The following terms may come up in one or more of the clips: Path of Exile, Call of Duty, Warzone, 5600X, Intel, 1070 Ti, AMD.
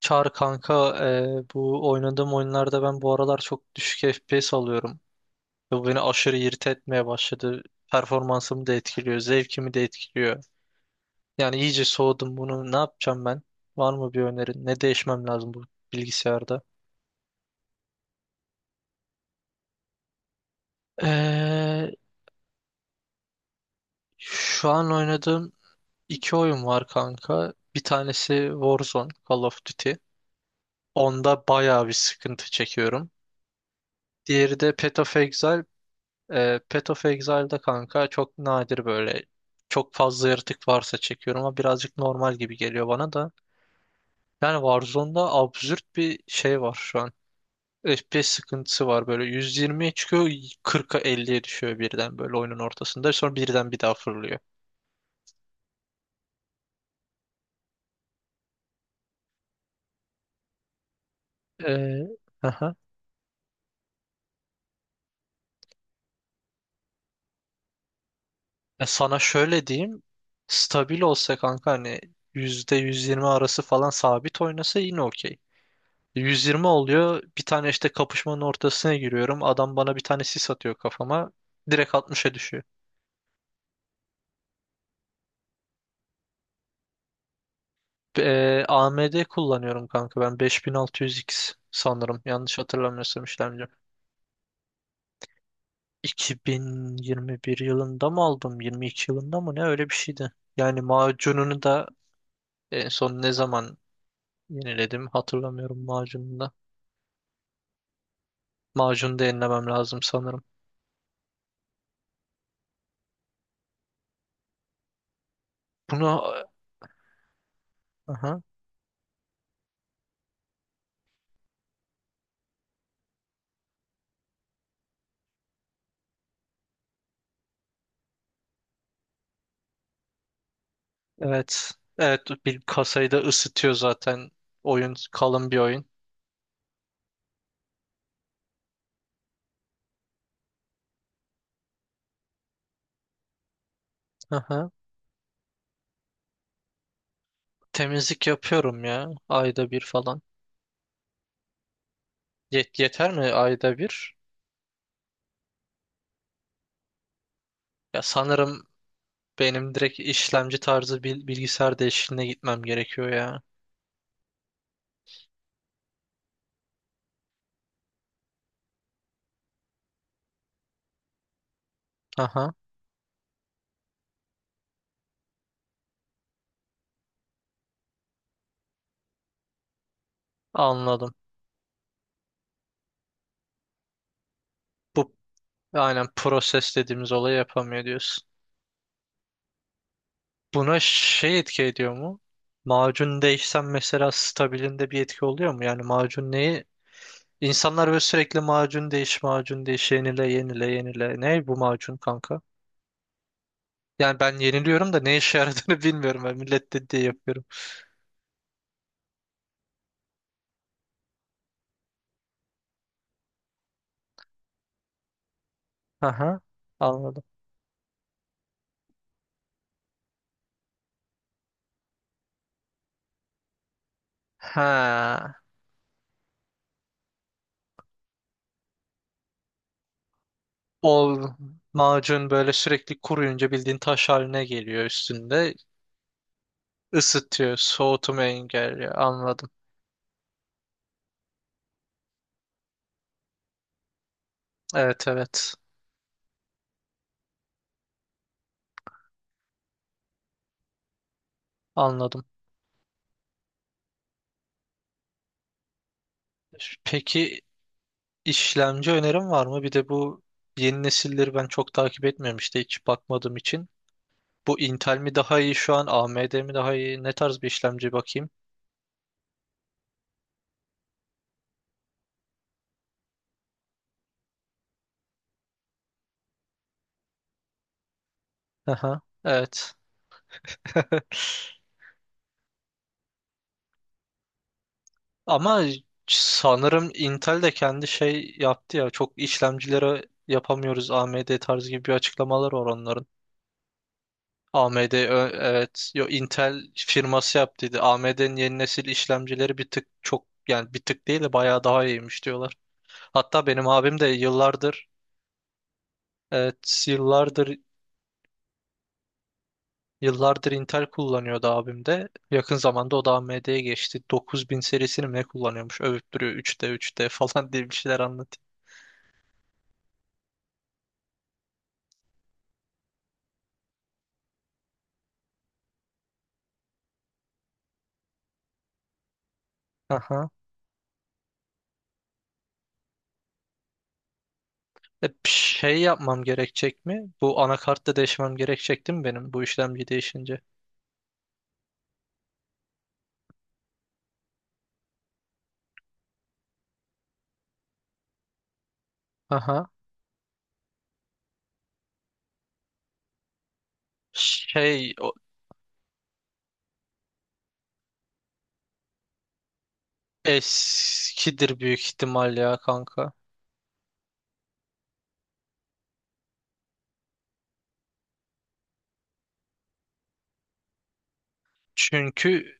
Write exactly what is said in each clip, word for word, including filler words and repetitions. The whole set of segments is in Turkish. Çağrı kanka, e, bu oynadığım oyunlarda ben bu aralar çok düşük F P S alıyorum. Ve bu beni aşırı irite etmeye başladı. Performansımı da etkiliyor, zevkimi de etkiliyor. Yani iyice soğudum bunu. Ne yapacağım ben? Var mı bir önerin? Ne değişmem lazım bu bilgisayarda? E, Şu an oynadığım iki oyun var kanka. Bir tanesi Warzone, Call of Duty. Onda bayağı bir sıkıntı çekiyorum. Diğeri de Path of Exile. E, Path of Exile'da kanka çok nadir böyle çok fazla yaratık varsa çekiyorum, ama birazcık normal gibi geliyor bana da. Yani Warzone'da absürt bir şey var şu an. F P S sıkıntısı var, böyle yüz yirmiye çıkıyor, kırka elliye düşüyor birden böyle oyunun ortasında, sonra birden bir daha fırlıyor. Ee, aha. Ya sana şöyle diyeyim, stabil olsa kanka, hani yüzde yüz yirmi arası falan sabit oynasa yine okey. yüz yirmi oluyor. Bir tane işte kapışmanın ortasına giriyorum. Adam bana bir tane sis atıyor kafama. Direkt altmışa düşüyor. Ee, A M D kullanıyorum kanka, ben beş bin altı yüz X sanırım. Yanlış hatırlamıyorsam işlemci. iki bin yirmi bir yılında mı aldım? yirmi iki yılında mı? Ne öyle bir şeydi. Yani macununu da en son ne zaman yeniledim hatırlamıyorum, macununu da. Macunu da yenilemem lazım sanırım. Bunu aha. Evet. Evet, bir kasayı da ısıtıyor zaten. Oyun kalın bir oyun. Aha. Temizlik yapıyorum ya, ayda bir falan. Yet yeter mi ayda bir? Ya sanırım benim direkt işlemci tarzı bil- bilgisayar değişikliğine gitmem gerekiyor ya. Aha, anladım. Bu aynen proses dediğimiz olayı yapamıyor diyorsun. Buna şey etki ediyor mu? Macun değişsem mesela stabilinde bir etki oluyor mu? Yani macun neyi İnsanlar böyle sürekli macun değiş, macun değiş, yenile, yenile, yenile. Ne bu macun kanka? Yani ben yeniliyorum da ne işe yaradığını bilmiyorum. Ben millet dediği yapıyorum. Aha, anladım. Ha, o macun böyle sürekli kuruyunca bildiğin taş haline geliyor üstünde. Isıtıyor, soğutmayı engelliyor. Anladım. Evet, evet, anladım. Peki, işlemci önerim var mı? Bir de bu yeni nesilleri ben çok takip etmiyorum işte, hiç bakmadığım için. Bu Intel mi daha iyi şu an? A M D mi daha iyi? Ne tarz bir işlemci bakayım? Aha, evet. Ama sanırım Intel de kendi şey yaptı ya. Çok işlemcilere yapamıyoruz A M D tarzı, gibi bir açıklamalar var onların. A M D ö- evet, yo, Intel firması yaptıydı. A M D'nin yeni nesil işlemcileri bir tık çok, yani bir tık değil de bayağı daha iyiymiş diyorlar. Hatta benim abim de yıllardır, evet, yıllardır, yıllardır Intel kullanıyordu abim de. Yakın zamanda o da A M D'ye geçti. dokuz bin serisini mi ne kullanıyormuş? Övüp duruyor, üç D üç D falan diye bir şeyler anlatıyor. Aha. E, bir şey yapmam gerekecek mi? Bu anakartta değişmem gerekecek değil mi benim, bu işlemci değişince? Aha. Şey o, eskidir büyük ihtimal ya kanka. Çünkü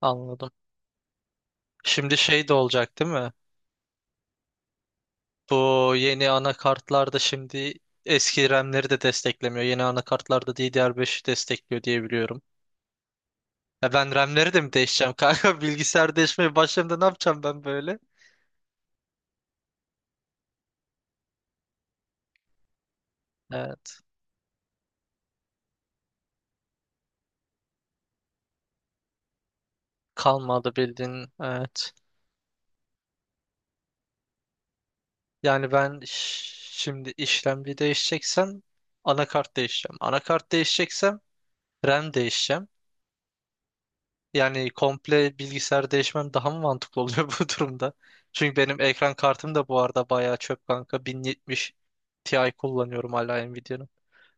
anladım. Şimdi şey de olacak değil mi? Bu yeni anakartlarda şimdi eski RAM'leri de desteklemiyor. Yeni anakartlarda D D R beşi destekliyor diye biliyorum. Ya ben RAM'leri de mi değişeceğim kanka? Bilgisayar değişmeye başladığımda ne yapacağım ben böyle? Evet. Kalmadı bildiğin. Evet. Yani ben ş- şimdi işlemci değişeceksem anakart değişeceğim. Anakart değişeceksem RAM değişeceğim. Yani komple bilgisayar değişmem daha mı mantıklı oluyor bu durumda? Çünkü benim ekran kartım da bu arada bayağı çöp kanka. bin yetmiş Ti kullanıyorum hala, Nvidia'nın.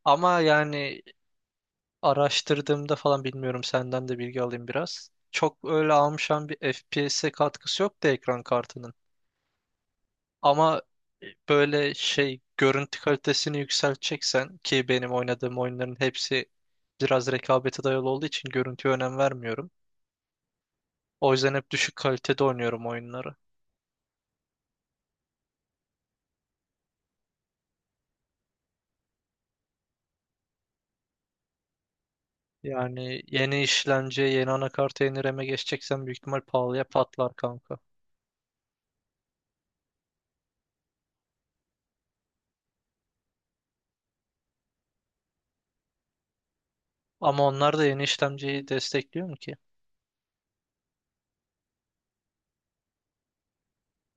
Ama yani araştırdığımda falan, bilmiyorum, senden de bilgi alayım biraz. Çok öyle almışan bir F P S'e katkısı yok da ekran kartının. Ama e, böyle şey, görüntü kalitesini yükselteceksen, ki benim oynadığım oyunların hepsi biraz rekabete dayalı olduğu için görüntüye önem vermiyorum. O yüzden hep düşük kalitede oynuyorum oyunları. Yani yeni işlemci, yeni anakart, yeni RAM'e geçeceksen büyük ihtimal pahalıya patlar kanka. Ama onlar da yeni işlemciyi destekliyor mu ki?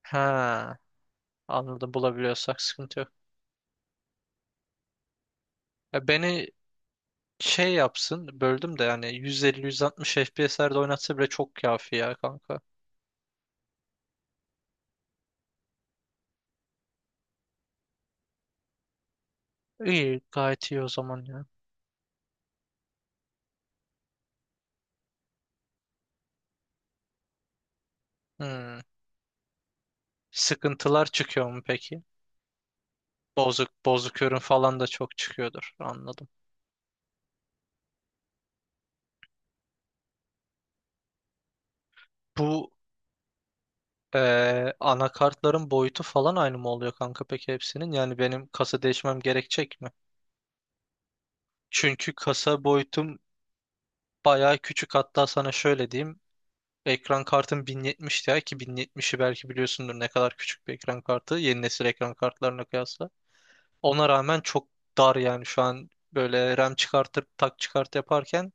Ha, anladım, bulabiliyorsak sıkıntı yok. Ya beni şey yapsın, böldüm de, yani yüz elli yüz altmış F P S'lerde oynatsa bile çok kafi ya kanka. İyi, gayet iyi o zaman ya. Hmm. Sıkıntılar çıkıyor mu peki? Bozuk bozuk ürün falan da çok çıkıyordur, anladım. Bu Ee, anakartların boyutu falan aynı mı oluyor kanka peki, hepsinin? Yani benim kasa değişmem gerekecek mi? Çünkü kasa boyutum bayağı küçük. Hatta sana şöyle diyeyim. Ekran kartım bin yetmiş Ti, ki bin yetmişi belki biliyorsundur ne kadar küçük bir ekran kartı, yeni nesil ekran kartlarına kıyasla. Ona rağmen çok dar yani şu an, böyle RAM çıkartıp tak çıkart yaparken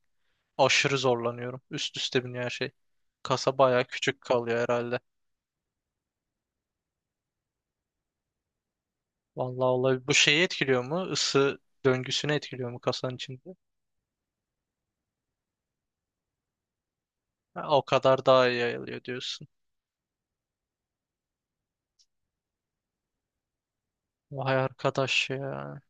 aşırı zorlanıyorum. Üst üste biniyor her şey. Kasa bayağı küçük kalıyor herhalde. Vallahi olabilir. Bu şeyi etkiliyor mu? Isı döngüsünü etkiliyor mu kasanın içinde? Ha, o kadar daha iyi yayılıyor diyorsun. Vay arkadaş ya.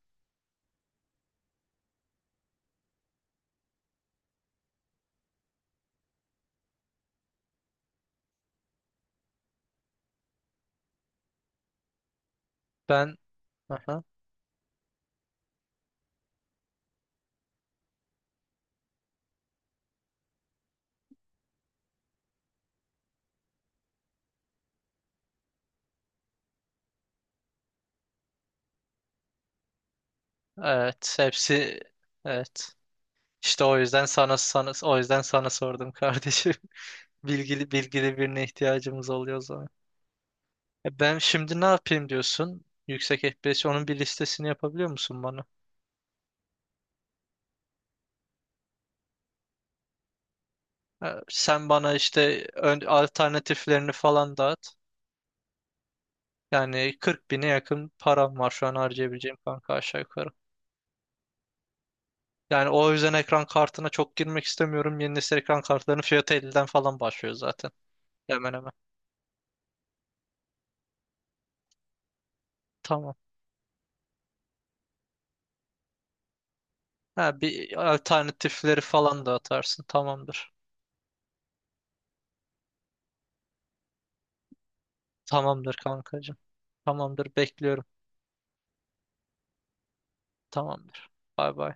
Ben aha. Evet, hepsi evet. İşte o yüzden sana sana o yüzden sana sordum kardeşim. Bilgili bilgili birine ihtiyacımız oluyor o zaman. E ben şimdi ne yapayım diyorsun? Yüksek F P S, onun bir listesini yapabiliyor musun bana? E, sen bana işte ön, alternatiflerini falan dağıt. Yani kırk bine yakın param var şu an harcayabileceğim kanka, aşağı yukarı. Yani o yüzden ekran kartına çok girmek istemiyorum. Yeni nesil ekran kartlarının fiyatı elliden falan başlıyor zaten. Hemen hemen. Tamam. Ha, bir alternatifleri falan da atarsın. Tamamdır. Tamamdır kankacığım. Tamamdır, bekliyorum. Tamamdır. Bay bay.